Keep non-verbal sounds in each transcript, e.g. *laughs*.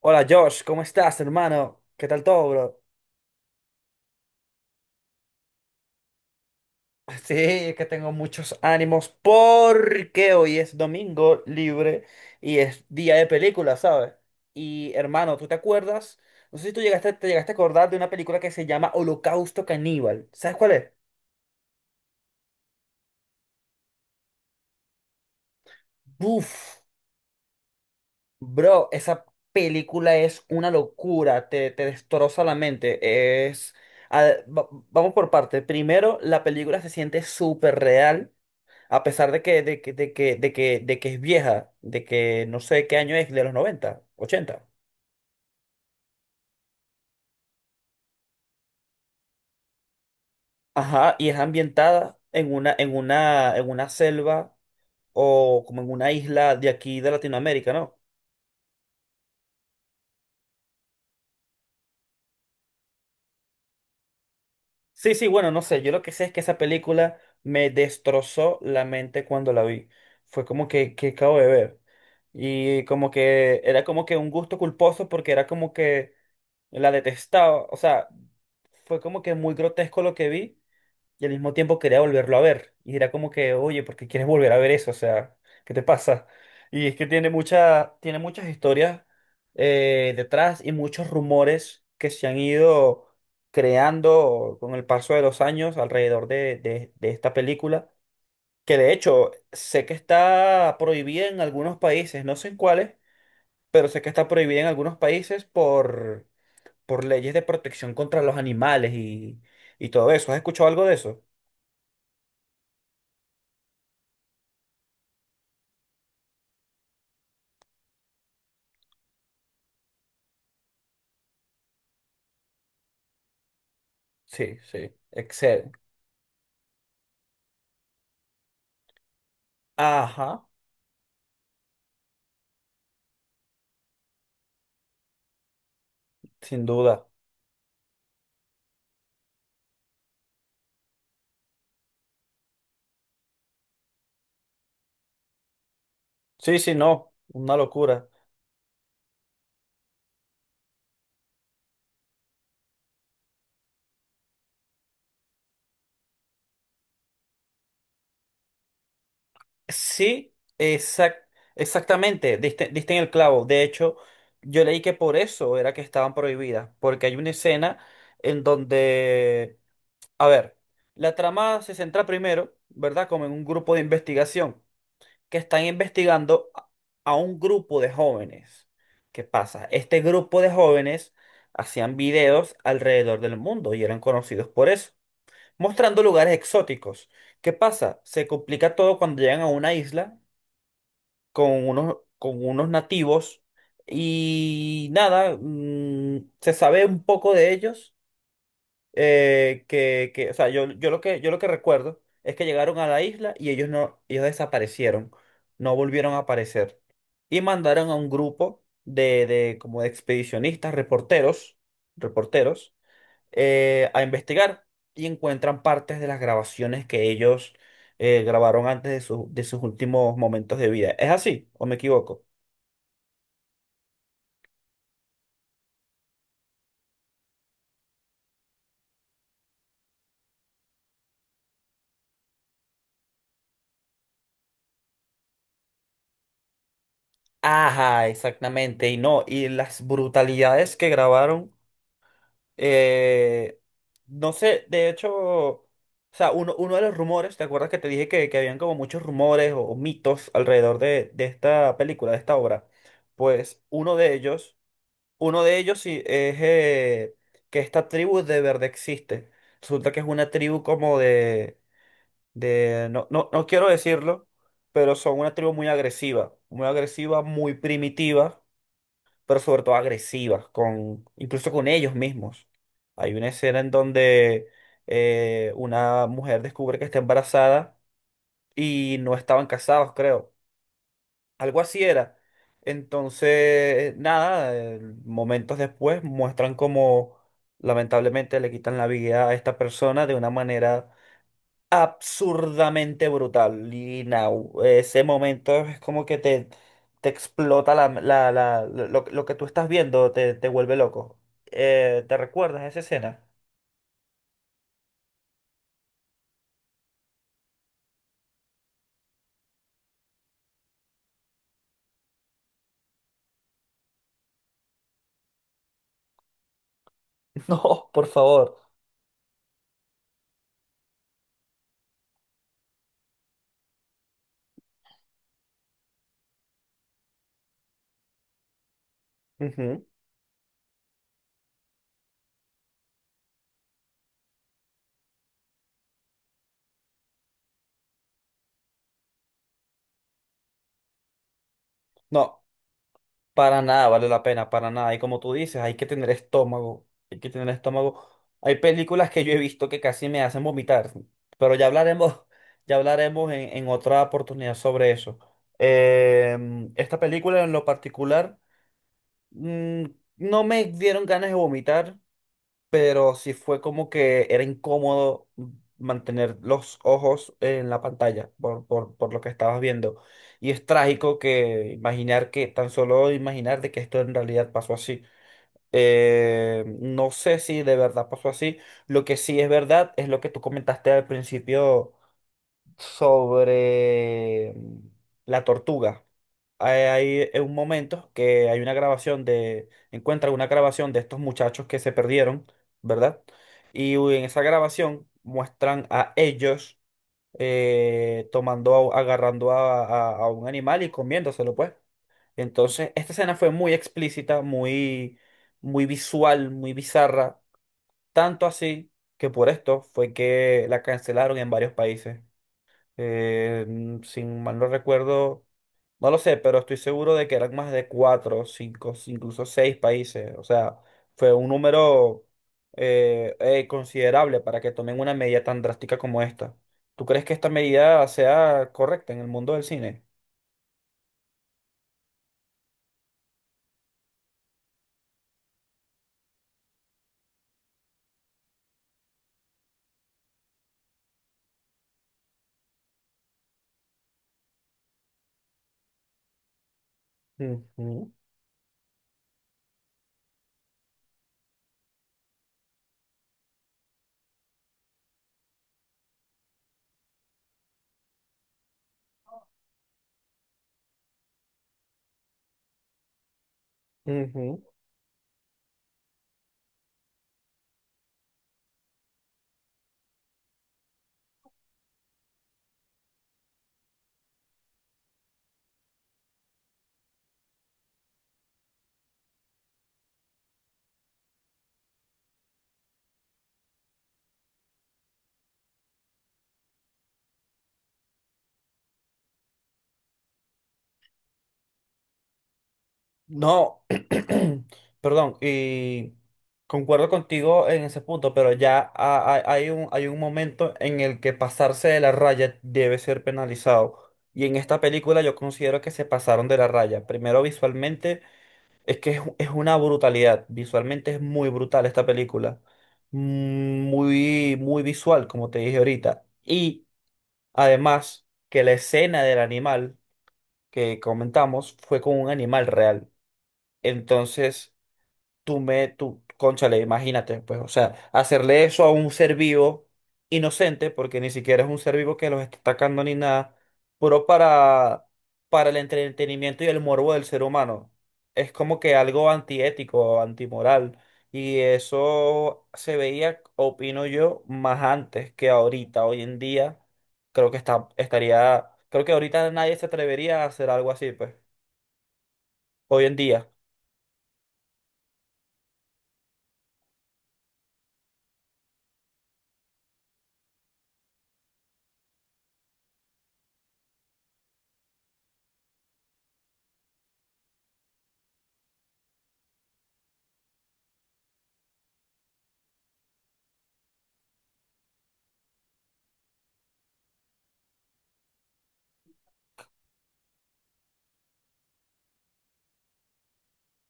Hola Josh, ¿cómo estás, hermano? ¿Qué tal todo, bro? *laughs* Sí, es que tengo muchos ánimos porque hoy es domingo libre y es día de película, ¿sabes? Y hermano, ¿tú te acuerdas? No sé si tú llegaste, te llegaste a acordar de una película que se llama Holocausto Caníbal. ¿Sabes cuál es? Buf, Bro, esa película es una locura, te destroza la mente. Vamos por parte. Primero, la película se siente súper real, a pesar de que, es vieja, de que no sé qué año es, de los noventa, ochenta. Ajá, y es ambientada en una, en una selva o como en una isla de aquí de Latinoamérica, ¿no? Sí, sí, bueno, no sé, yo lo que sé es que esa película me destrozó la mente cuando la vi. Fue como que acabo de ver. Y como que era como que un gusto culposo, porque era como que la detestaba. O sea, fue como que muy grotesco lo que vi, y al mismo tiempo quería volverlo a ver. Y era como que, oye, ¿por qué quieres volver a ver eso? O sea, ¿qué te pasa? Y es que tiene mucha, tiene muchas historias detrás, y muchos rumores que se han ido creando con el paso de los años alrededor de, de esta película, que de hecho sé que está prohibida en algunos países, no sé en cuáles, pero sé que está prohibida en algunos países por leyes de protección contra los animales y todo eso. ¿Has escuchado algo de eso? Sí, sí, excede. Ajá, sin duda. Sí, sí, no, una locura. Sí, exact, Exactamente, diste, diste en el clavo. De hecho, yo leí que por eso era que estaban prohibidas, porque hay una escena en donde, a ver, la trama se centra primero, ¿verdad? Como en un grupo de investigación, que están investigando a un grupo de jóvenes. ¿Qué pasa? Este grupo de jóvenes hacían videos alrededor del mundo y eran conocidos por eso, mostrando lugares exóticos. ¿Qué pasa? Se complica todo cuando llegan a una isla con unos nativos. Y nada, se sabe un poco de ellos. O sea, yo lo que recuerdo es que llegaron a la isla y ellos no, ellos desaparecieron, no volvieron a aparecer. Y mandaron a un grupo de como de expedicionistas, reporteros a investigar, y encuentran partes de las grabaciones que ellos grabaron antes de, de sus últimos momentos de vida. ¿Es así o me equivoco? Ajá, exactamente. Y no, y las brutalidades que grabaron, Eh, no sé, de hecho, o sea, uno, uno de los rumores, ¿te acuerdas que te dije que habían como muchos rumores o mitos alrededor de, esta película, de esta obra? Pues uno de ellos sí es que esta tribu de verdad existe. Resulta que es una tribu como de, no, no, no quiero decirlo, pero son una tribu muy agresiva, muy agresiva, muy primitiva, pero sobre todo agresivas, con, incluso con ellos mismos. Hay una escena en donde una mujer descubre que está embarazada y no estaban casados, creo. Algo así era. Entonces, nada, momentos después muestran cómo lamentablemente le quitan la vida a esta persona de una manera absurdamente brutal. Y now, ese momento es como que te explota lo que tú estás viendo, te vuelve loco. ¿Te recuerdas esa escena? *laughs* No, por favor. Ujú. No, para nada vale la pena, para nada. Y como tú dices, hay que tener estómago, hay que tener estómago. Hay películas que yo he visto que casi me hacen vomitar, pero ya hablaremos, *laughs* ya hablaremos en otra oportunidad sobre eso. Esta película en lo particular... Mm, no me dieron ganas de vomitar, pero sí fue como que era incómodo mantener los ojos en la pantalla por, por lo que estabas viendo. Y es trágico que imaginar que, tan solo imaginar de que esto en realidad pasó así. No sé si de verdad pasó así. Lo que sí es verdad es lo que tú comentaste al principio sobre la tortuga. Hay, hay un momento que hay una grabación de, encuentra una grabación de estos muchachos que se perdieron, ¿verdad? Y en esa grabación muestran a ellos tomando, agarrando a, a un animal y comiéndoselo, pues. Entonces, esta escena fue muy explícita, muy, muy visual, muy bizarra, tanto así que por esto fue que la cancelaron en varios países. Sin mal no recuerdo, no lo sé, pero estoy seguro de que eran más de cuatro, cinco, incluso seis países. O sea, fue un número considerable para que tomen una medida tan drástica como esta. ¿Tú crees que esta medida sea correcta en el mundo del cine? Ujú, ujú. No, *clears throat* perdón, y concuerdo contigo en ese punto, pero ya hay un momento en el que pasarse de la raya debe ser penalizado. Y en esta película yo considero que se pasaron de la raya. Primero visualmente, es que es una brutalidad. Visualmente es muy brutal esta película. Muy, muy visual, como te dije ahorita. Y además que la escena del animal que comentamos fue con un animal real. Entonces tú, cónchale, imagínate, pues, o sea, hacerle eso a un ser vivo inocente, porque ni siquiera es un ser vivo que los está atacando ni nada, puro para el entretenimiento y el morbo del ser humano. Es como que algo antiético, antimoral. Y eso se veía, opino yo, más antes que ahorita. Hoy en día, creo que está, estaría, creo que ahorita nadie se atrevería a hacer algo así, pues. Hoy en día.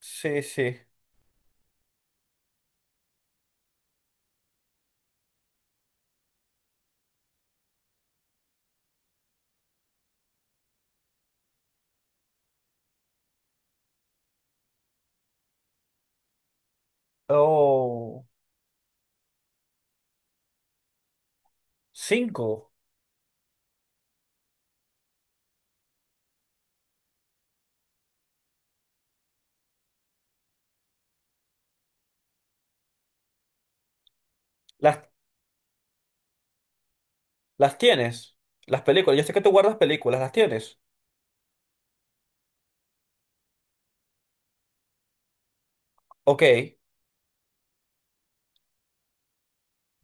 Sí, sí. Oh. Cinco. Las, las tienes. Las películas. Yo sé que tú guardas películas. Las tienes. Ok.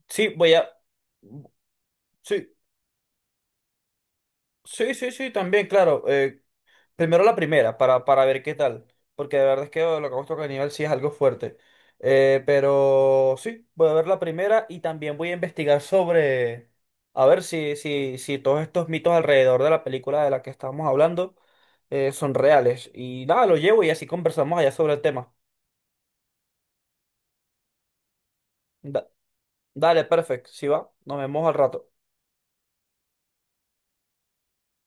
Sí, voy a. Sí, sí, sí, sí, también, claro. Primero la primera, para ver qué tal. Porque de verdad es que lo que hemos tocado a nivel sí es algo fuerte. Pero sí, voy a ver la primera y también voy a investigar sobre. A ver si, si todos estos mitos alrededor de la película de la que estábamos hablando son reales. Y nada, lo llevo y así conversamos allá sobre el tema. Da- Dale, perfecto, si va, nos vemos al rato.